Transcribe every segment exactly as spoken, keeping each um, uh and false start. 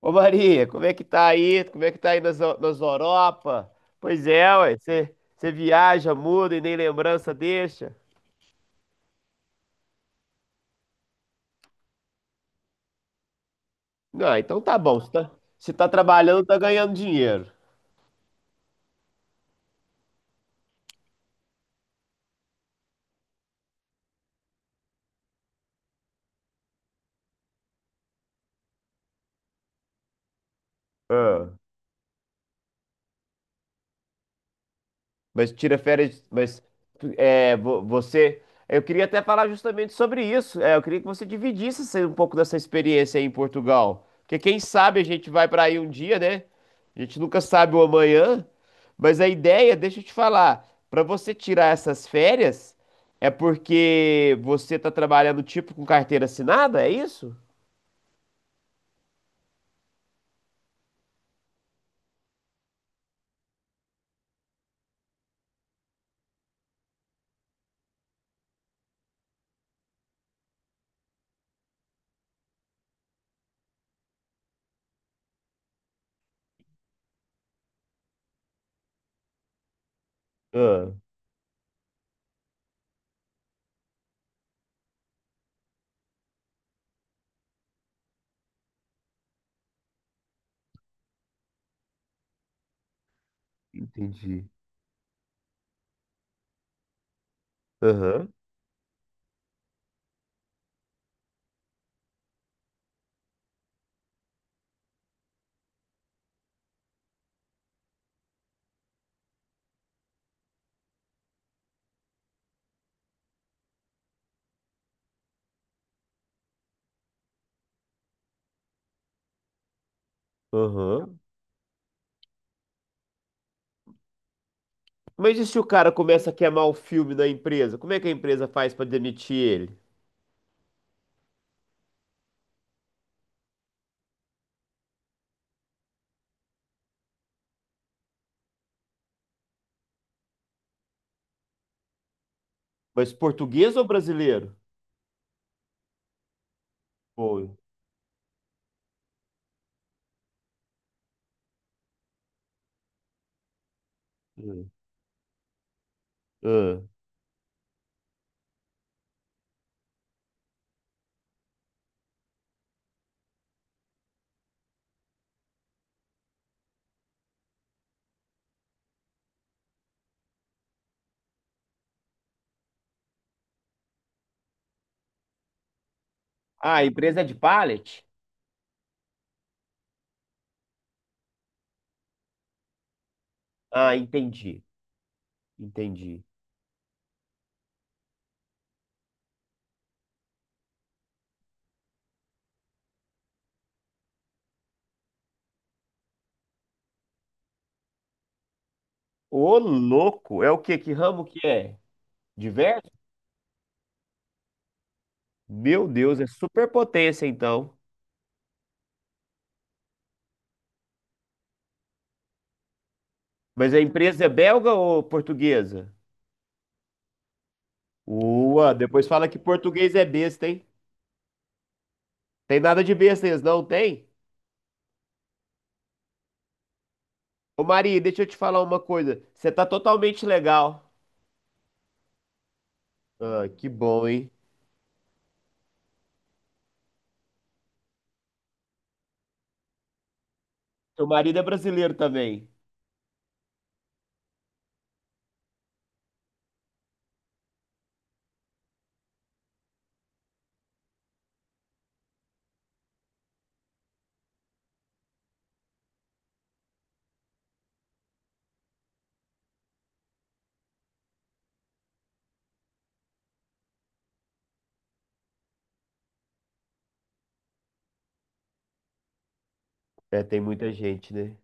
Ô Maria, como é que tá aí? Como é que tá aí nas, nas Europa? Pois é, ué, você você viaja, muda e nem lembrança deixa. Não, então tá bom, você tá, você tá trabalhando, tá ganhando dinheiro. Ah. Mas tira férias, mas é, vo- você. Eu queria até falar justamente sobre isso. É, eu queria que você dividisse essa- um pouco dessa experiência aí em Portugal. Porque quem sabe a gente vai para aí um dia, né? A gente nunca sabe o amanhã. Mas a ideia, deixa eu te falar, para você tirar essas férias, é porque você tá trabalhando tipo com carteira assinada, é isso? Ah, entendi. Aham, aham. Mas e se o cara começa a queimar o filme da empresa? Como é que a empresa faz para demitir ele? Mas português ou brasileiro? Foi. Hum. Ah, ah, a empresa é de pallet? Ah, entendi. Entendi. Ô, louco! É o quê? Que ramo que é? Diverso? Meu Deus, é superpotência então. Mas a empresa é belga ou portuguesa? Ua, depois fala que português é besta, hein? Tem nada de besta, eles não tem? Ô, Maria, deixa eu te falar uma coisa. Você tá totalmente legal. Ah, que bom, hein? Teu marido é brasileiro também. É, tem muita gente, né?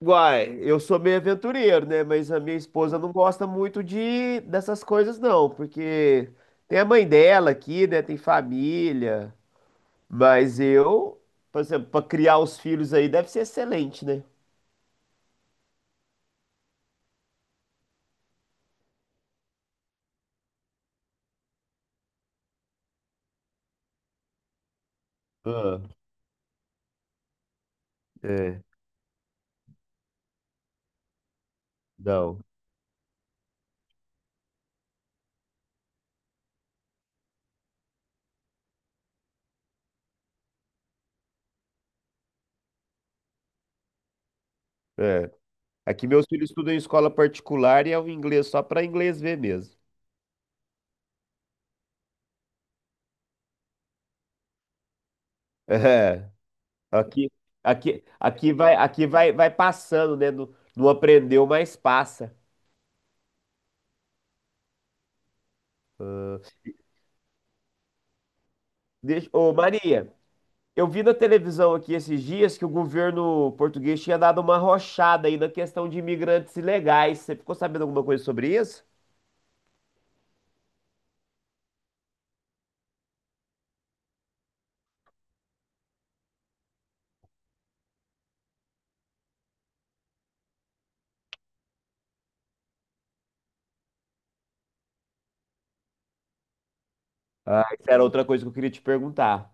Uai, eu sou meio aventureiro, né? Mas a minha esposa não gosta muito de dessas coisas, não, porque tem a mãe dela aqui, né? Tem família. Mas eu, por exemplo, para criar os filhos aí deve ser excelente, né? Ah, é, não. É. Aqui meus filhos estudam em escola particular e é o inglês só para inglês ver mesmo. Aqui, aqui, aqui vai, aqui vai, vai passando, né? Não, não aprendeu, mas passa. Deixa, ô, Maria, eu vi na televisão aqui esses dias que o governo português tinha dado uma rochada aí na questão de imigrantes ilegais. Você ficou sabendo alguma coisa sobre isso? Ah, isso era outra coisa que eu queria te perguntar.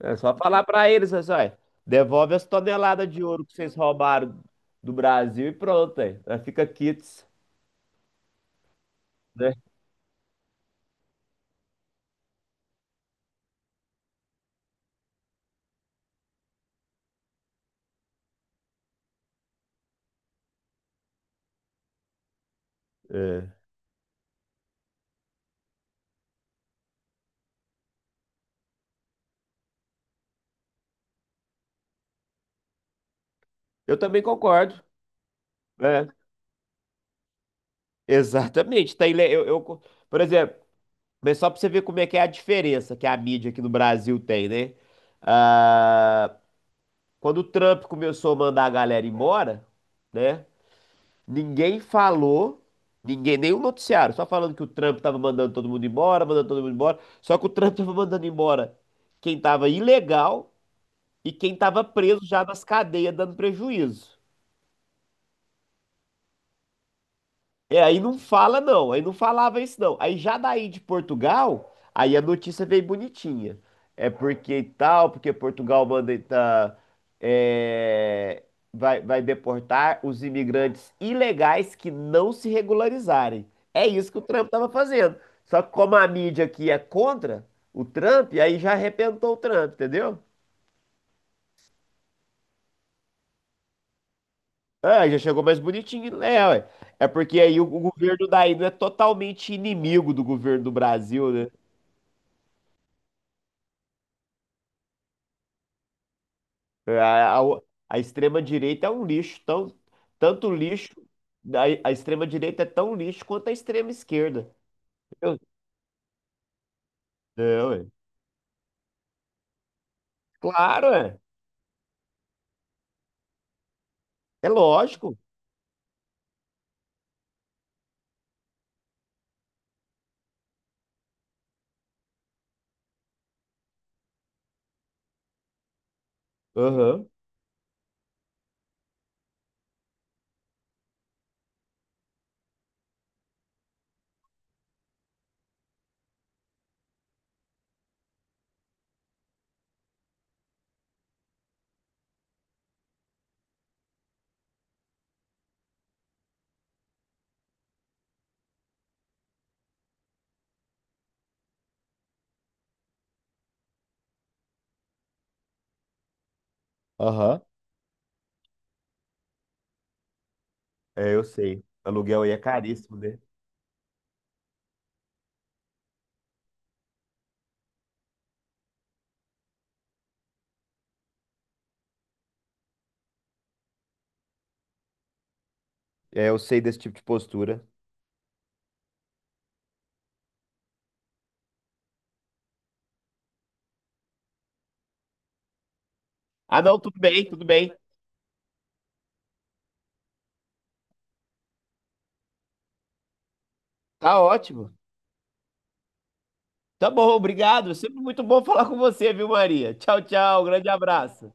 É só falar pra eles, assim, olha, devolve as toneladas de ouro que vocês roubaram do Brasil e pronto, aí. Aí fica quites, né? É. Eu também concordo, né? Exatamente. Tá, ile- eu, eu, por exemplo, mas só pra você ver como é que é a diferença que a mídia aqui no Brasil tem, né? Ah, quando o Trump começou a mandar a galera embora, né? Ninguém falou, ninguém, nenhum noticiário, só falando que o Trump tava mandando todo mundo embora, mandando todo mundo embora. Só que o Trump tava mandando embora quem tava ilegal e quem tava preso já nas cadeias dando prejuízo. É, aí não fala não, aí não falava isso não. Aí já daí de Portugal, aí a notícia veio bonitinha. É porque tal, porque Portugal manda tá, é, vai, vai deportar os imigrantes ilegais que não se regularizarem. É isso que o Trump estava fazendo. Só que como a mídia aqui é contra o Trump, aí já arrebentou o Trump, entendeu? Ah, já chegou mais bonitinho. É, ué. É porque aí o, o governo daí não é totalmente inimigo do governo do Brasil, né? É, A, a, a extrema-direita é um lixo, tão, tanto lixo, a, a extrema-direita é tão lixo quanto a extrema-esquerda. Eu- É, ué. Claro, é. É lógico. Aham, aham. É, eu sei. Aluguel aí é caríssimo, né? É, eu sei desse tipo de postura. Ah, não, tudo bem, tudo bem. Tá ótimo. Tá bom, obrigado. Sempre muito bom falar com você, viu, Maria? Tchau, tchau. Grande abraço.